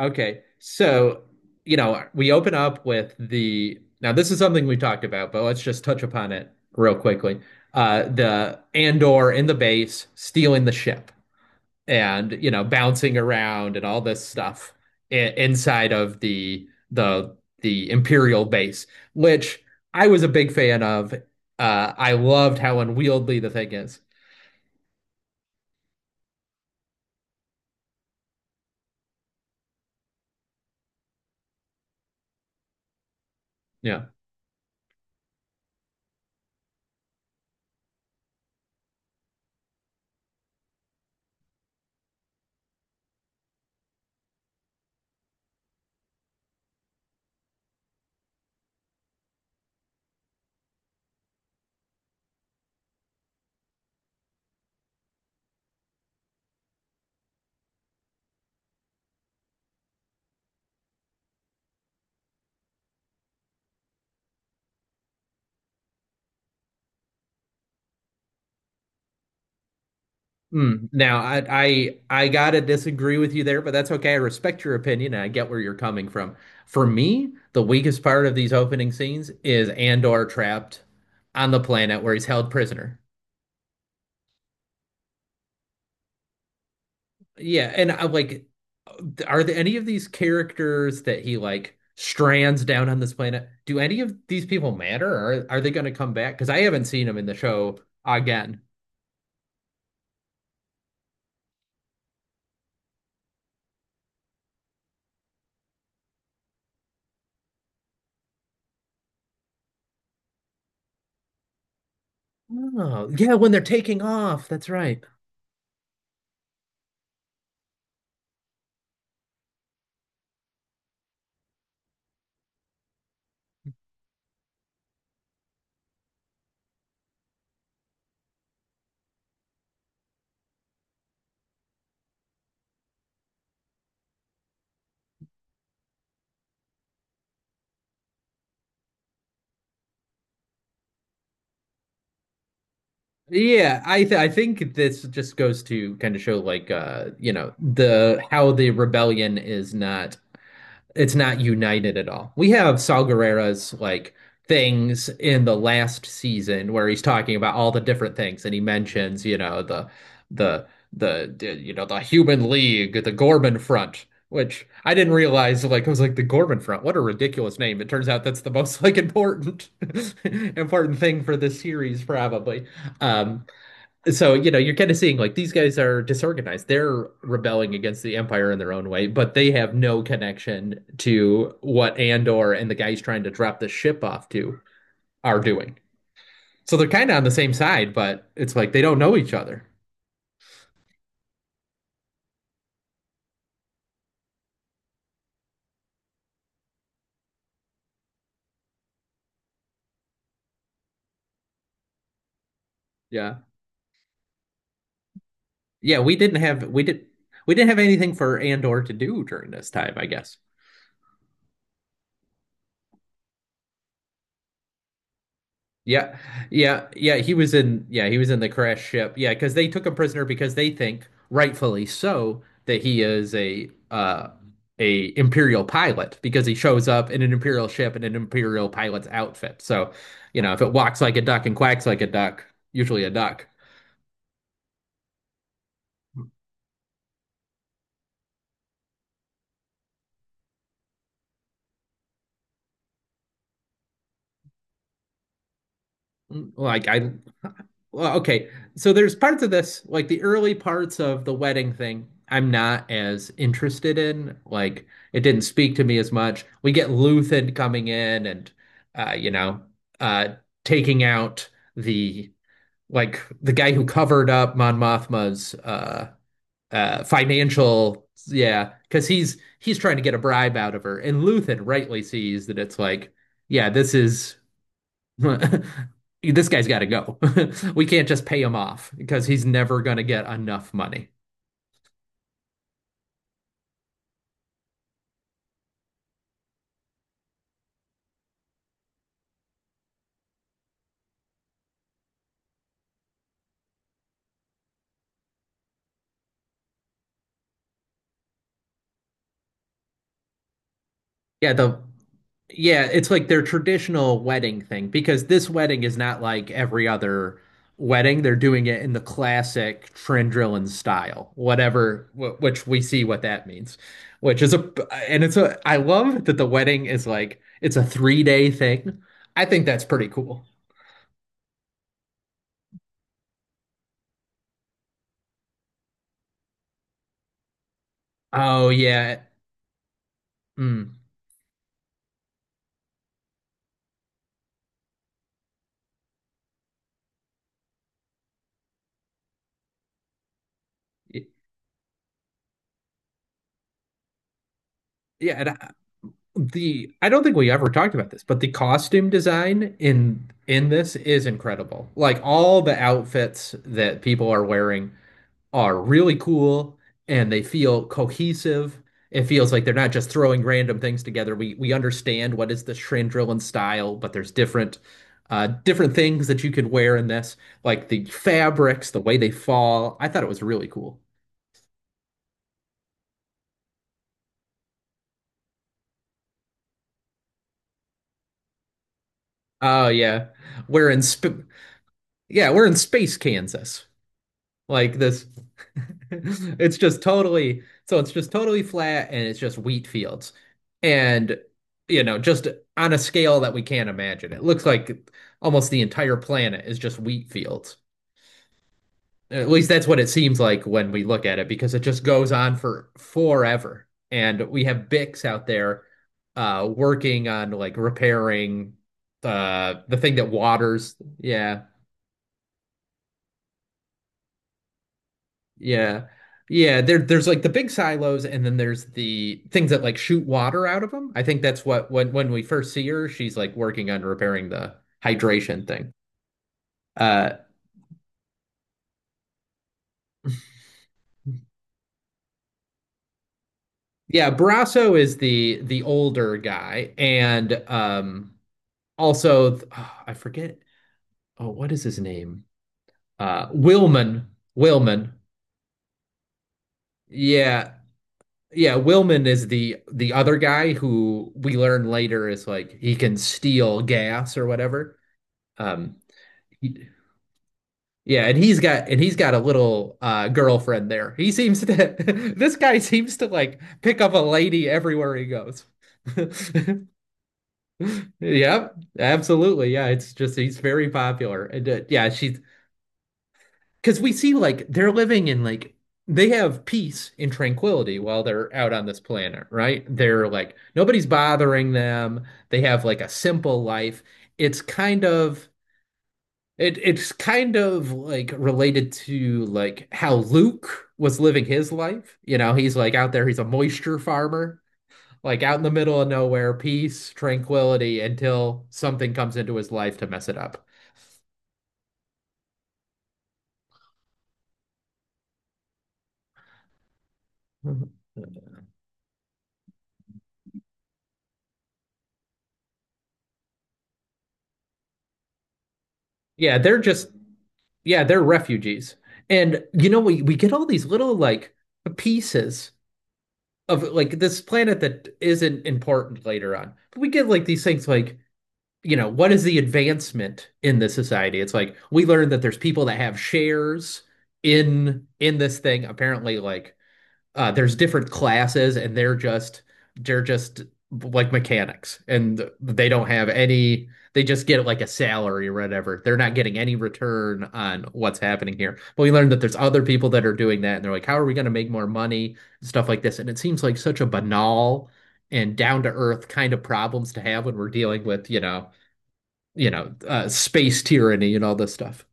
Okay. So we open up with the now this is something we talked about, but let's just touch upon it real quickly. The Andor in the base stealing the ship and, bouncing around and all this stuff inside of the Imperial base, which I was a big fan of. I loved how unwieldy the thing is. Yeah. Mm. Now, I gotta disagree with you there, but that's okay. I respect your opinion and I get where you're coming from. For me, the weakest part of these opening scenes is Andor trapped on the planet where he's held prisoner. Yeah, and I'm like, are there any of these characters that he like strands down on this planet? Do any of these people matter, or are they gonna come back? Because I haven't seen them in the show again. Oh, yeah, when they're taking off, that's right. I think this just goes to kind of show like you know the how the rebellion is not, it's not united at all. We have Saw Gerrera's like things in the last season where he's talking about all the different things and he mentions you know the the you know the Human League, the Gorman Front, which I didn't realize. Like I was like the Gorman Front. What a ridiculous name. It turns out that's the most like important important thing for this series probably. Um, so, you know, you're kind of seeing like these guys are disorganized. They're rebelling against the Empire in their own way, but they have no connection to what Andor and the guys trying to drop the ship off to are doing. So they're kind of on the same side, but it's like they don't know each other. Yeah. Yeah, we didn't have anything for Andor to do during this time, I guess. Yeah, yeah. Yeah, he was in the crash ship. Yeah, because they took him prisoner because they think, rightfully so, that he is a Imperial pilot because he shows up in an Imperial ship in an Imperial pilot's outfit. So, you know, if it walks like a duck and quacks like a duck, usually a duck. Like I, Well, okay. So there's parts of this, like the early parts of the wedding thing, I'm not as interested in. Like it didn't speak to me as much. We get Luthen coming in and you know, uh taking out the like the guy who covered up Mon Mothma's uh financial, yeah, because he's trying to get a bribe out of her. And Luthen rightly sees that it's like, yeah, this is this guy's got to go. We can't just pay him off because he's never going to get enough money. Yeah, the yeah, it's like their traditional wedding thing because this wedding is not like every other wedding. They're doing it in the classic Trendrillen style, whatever, wh which we see what that means, which is a and it's a, I love that the wedding is like it's a 3 day thing. I think that's pretty cool. Oh yeah, mm, yeah. And the I don't think we ever talked about this, but the costume design in this is incredible. Like all the outfits that people are wearing are really cool and they feel cohesive. It feels like they're not just throwing random things together. We understand what is the Shandrillan style, but there's different different things that you could wear in this, like the fabrics, the way they fall. I thought it was really cool. Oh yeah. We're in sp Yeah, we're in space Kansas. Like this, it's just totally, so it's just totally flat and it's just wheat fields. And, you know, just on a scale that we can't imagine. It looks like almost the entire planet is just wheat fields. At least that's what it seems like when we look at it because it just goes on for forever. And we have Bix out there working on like repairing the thing that waters. Yeah. Yeah. Yeah, there's like the big silos and then there's the things that like shoot water out of them. I think that's what when we first see her, she's like working on repairing the hydration thing. Uh yeah, Barrasso is the older guy. And also oh, I forget, oh what is his name? Willman. Willman. Yeah. Yeah, Willman is the other guy who we learn later is like he can steal gas or whatever. Um Yeah, and he's got a little girlfriend there. He seems to this guy seems to like pick up a lady everywhere he goes. Yep, absolutely. Yeah, it's just he's very popular. And yeah, she's because we see like they're living in like they have peace and tranquility while they're out on this planet, right? They're like nobody's bothering them. They have like a simple life. It's kind of It it's kind of like related to like how Luke was living his life. You know, he's like out there, he's a moisture farmer, like out in the middle of nowhere, peace, tranquility until something comes into his life to mess it up. Mhm. Yeah, they're just yeah, they're refugees. And you know, we get all these little like pieces of like this planet that isn't important later on. But we get like these things like you know, what is the advancement in this society? It's like we learned that there's people that have shares in this thing. Apparently, like there's different classes, and they're just like mechanics, and they don't have any. They just get like a salary or whatever. They're not getting any return on what's happening here. But we learned that there's other people that are doing that, and they're like, "How are we going to make more money?" Stuff like this, and it seems like such a banal and down to earth kind of problems to have when we're dealing with, you know, space tyranny and all this stuff.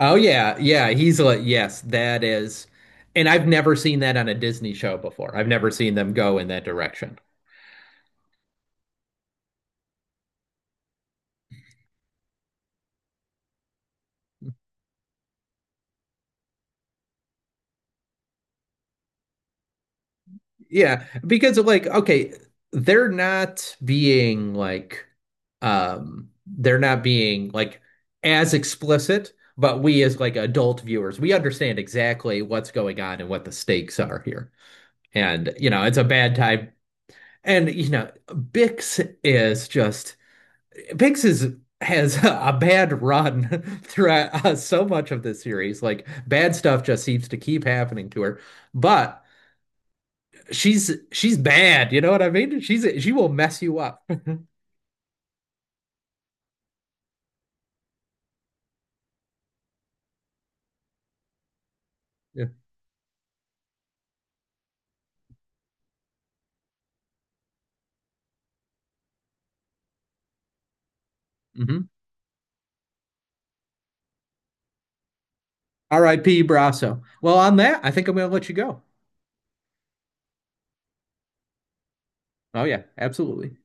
Oh yeah, yeah, he's like, yes, that is. And I've never seen that on a Disney show before. I've never seen them go in that direction. Yeah, because of like, okay, they're not being like, they're not being like as explicit, but we as like adult viewers, we understand exactly what's going on and what the stakes are here. And, you know, it's a bad time. And, you know, Bix is, has a bad run throughout so much of this series. Like, bad stuff just seems to keep happening to her. But, she's bad. You know what I mean? She will mess you up. Yeah. Mm-hmm. R.I.P. Brasso. Well, on that, I think I'm gonna let you go. Oh yeah, absolutely.